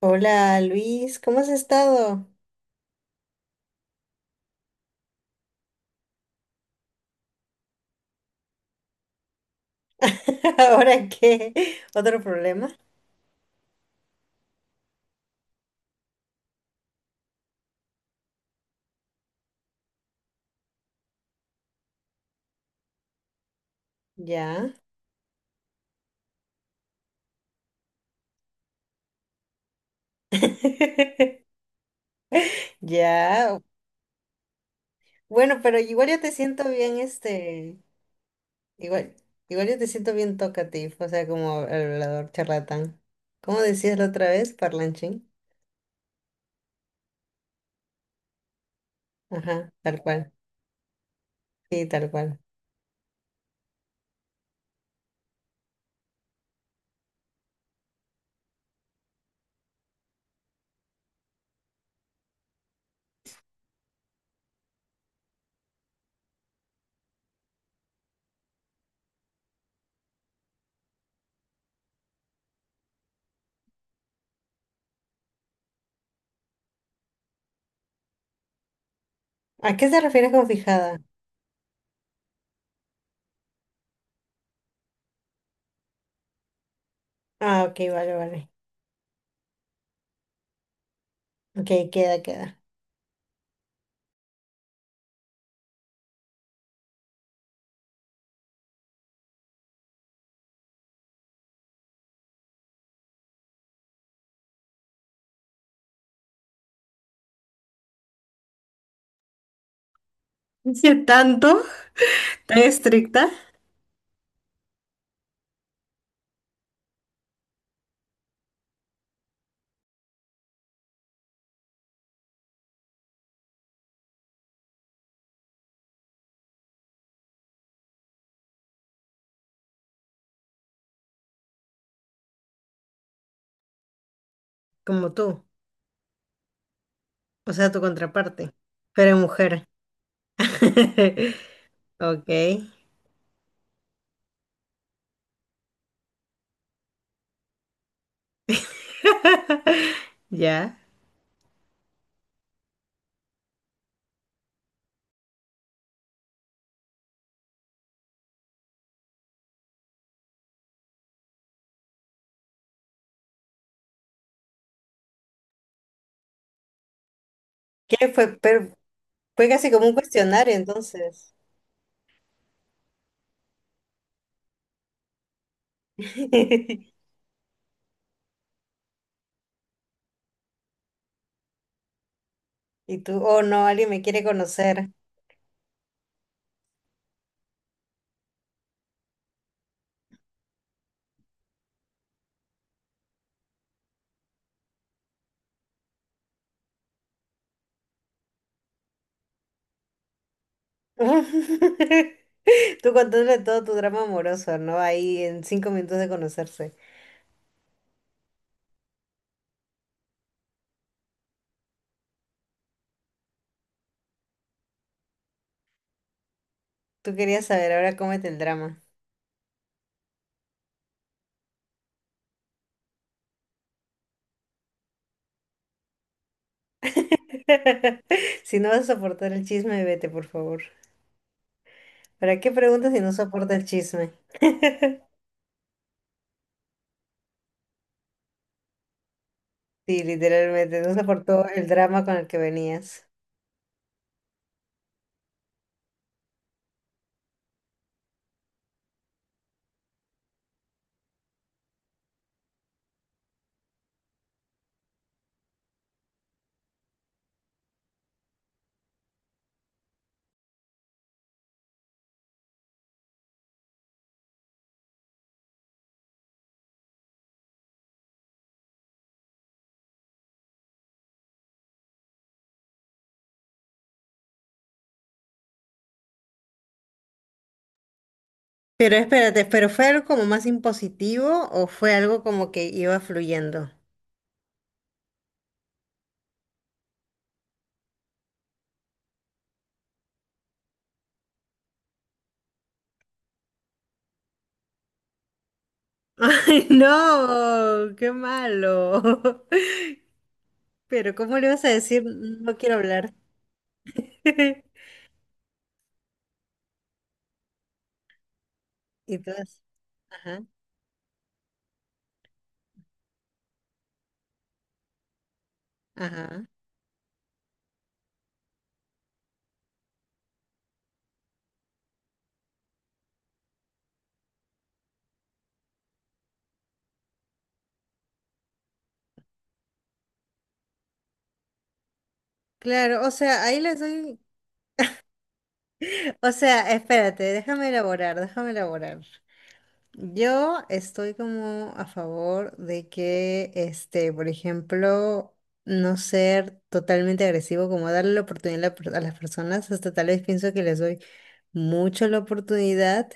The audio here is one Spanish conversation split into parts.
Hola Luis, ¿cómo has estado? ¿Ahora qué? ¿Otro problema? Ya. Ya. Bueno, pero igual yo te siento bien, este, igual, igual yo te siento bien talkative, o sea, como hablador charlatán. ¿Cómo decías la otra vez, parlanchín? Ajá, tal cual. Sí, tal cual. ¿A qué te refieres con fijada? Ah, ok, vale, vale. Ok, queda, queda. ¿Hice tanto? ¿Tan estricta? Como tú. O sea, tu contraparte. Pero mujer. Ok. Ya. ¿Qué fue? Pero fue casi como un cuestionario entonces. Y tú, oh no, alguien me quiere conocer. Tú contándole todo tu drama amoroso, ¿no? Ahí en cinco minutos de conocerse. Tú querías saber, ahora cómete el drama. Si no vas a soportar el chisme, vete, por favor. ¿Para qué preguntas si no soporta el chisme? Sí, literalmente, no soportó el drama con el que venías. Pero espérate, ¿pero fue algo como más impositivo o fue algo como que iba fluyendo? ¡Ay, no! ¡Qué malo! Pero ¿cómo le vas a decir no quiero hablar? Y todas, ajá, ajá. Claro, o sea, ahí les doy... O sea, espérate, déjame elaborar, déjame elaborar. Yo estoy como a favor de que, este, por ejemplo, no ser totalmente agresivo, como darle la oportunidad a la a las personas, hasta tal vez pienso que les doy mucho la oportunidad,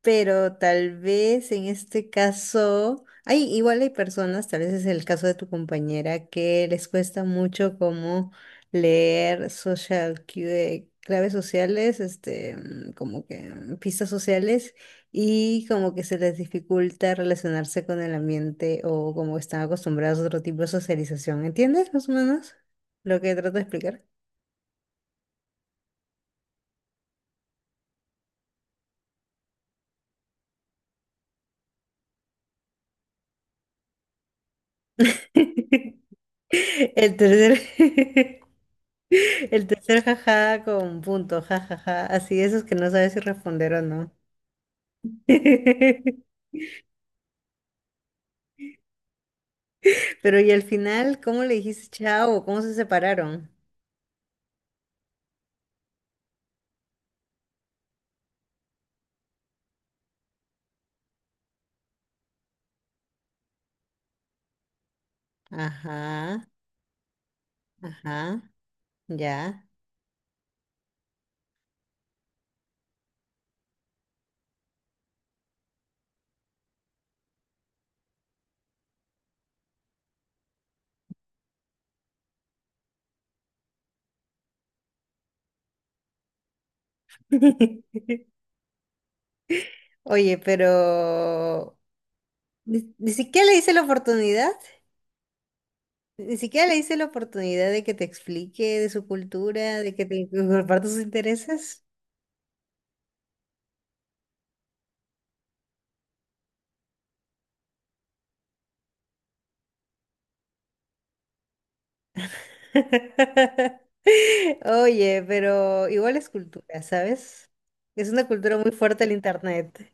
pero tal vez en este caso, hay, igual hay personas, tal vez es el caso de tu compañera, que les cuesta mucho como leer claves sociales, este, como que pistas sociales, y como que se les dificulta relacionarse con el ambiente o como están acostumbrados a otro tipo de socialización. ¿Entiendes más o menos lo que trato de explicar? El tercer El tercer jaja con punto, jajaja. Así, esos que no sabes si responder o no. Pero y al final, ¿cómo le dijiste chao? ¿Cómo se separaron? Ajá, ajá, ya. Oye, pero ni siquiera le hice la oportunidad, ni siquiera le hice la oportunidad de que te explique de su cultura, de que te comparta sus intereses. Oye, pero igual es cultura, ¿sabes? Es una cultura muy fuerte el internet.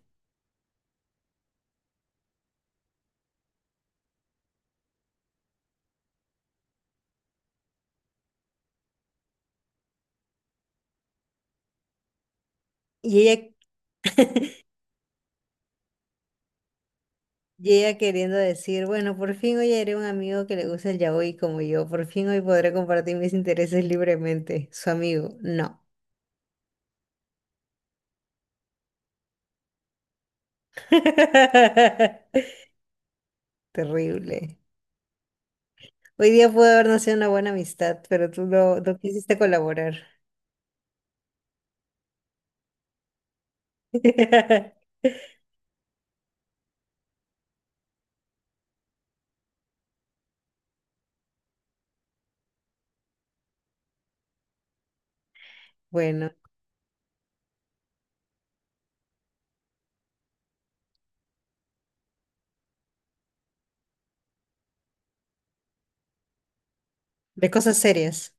Y ella, y ella queriendo decir, bueno, por fin hoy haré un amigo que le gusta el yaoi como yo, por fin hoy podré compartir mis intereses libremente. Su amigo, no. Terrible. Hoy día pudo haber nacido una buena amistad, pero tú no, no quisiste colaborar. Bueno, de cosas serias.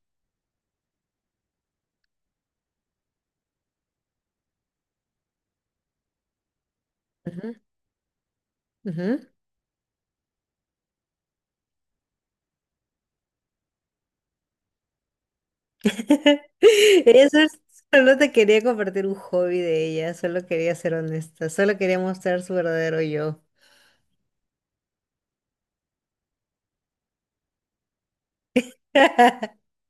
Ujú, ujú. Eso es- Solo te quería compartir un hobby de ella, solo quería ser honesta, solo quería mostrar su verdadero yo.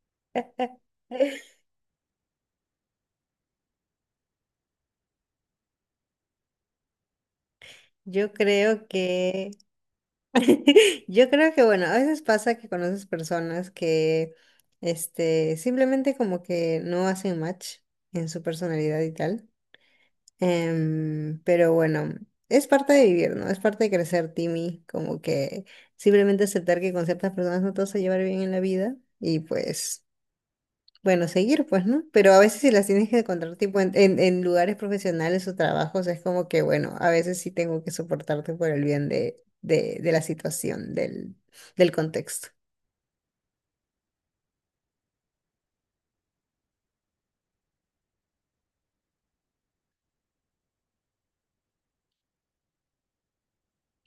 Yo creo que, yo creo que bueno, a veces pasa que conoces personas que, este, simplemente como que no hacen match en su personalidad y tal. Em, pero bueno, es parte de vivir, ¿no? Es parte de crecer, Timmy, como que simplemente aceptar que con ciertas personas no te vas a llevar bien en la vida y pues, bueno, seguir, pues, ¿no? Pero a veces si las tienes que encontrar tipo en lugares profesionales o trabajos, es como que, bueno, a veces sí tengo que soportarte por el bien de la situación, del contexto.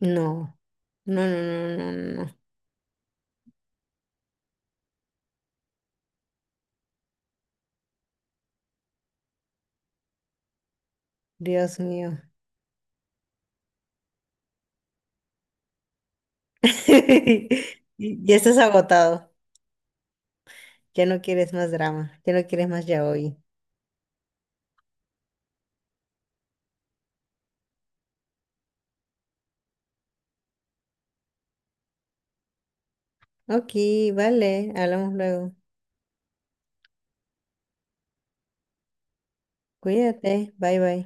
No, no, no, no, no, no, no. Dios mío. Ya estás agotado. Ya no quieres más drama, ya no quieres más yaoi. Ok, vale, hablamos luego. Cuídate, bye bye.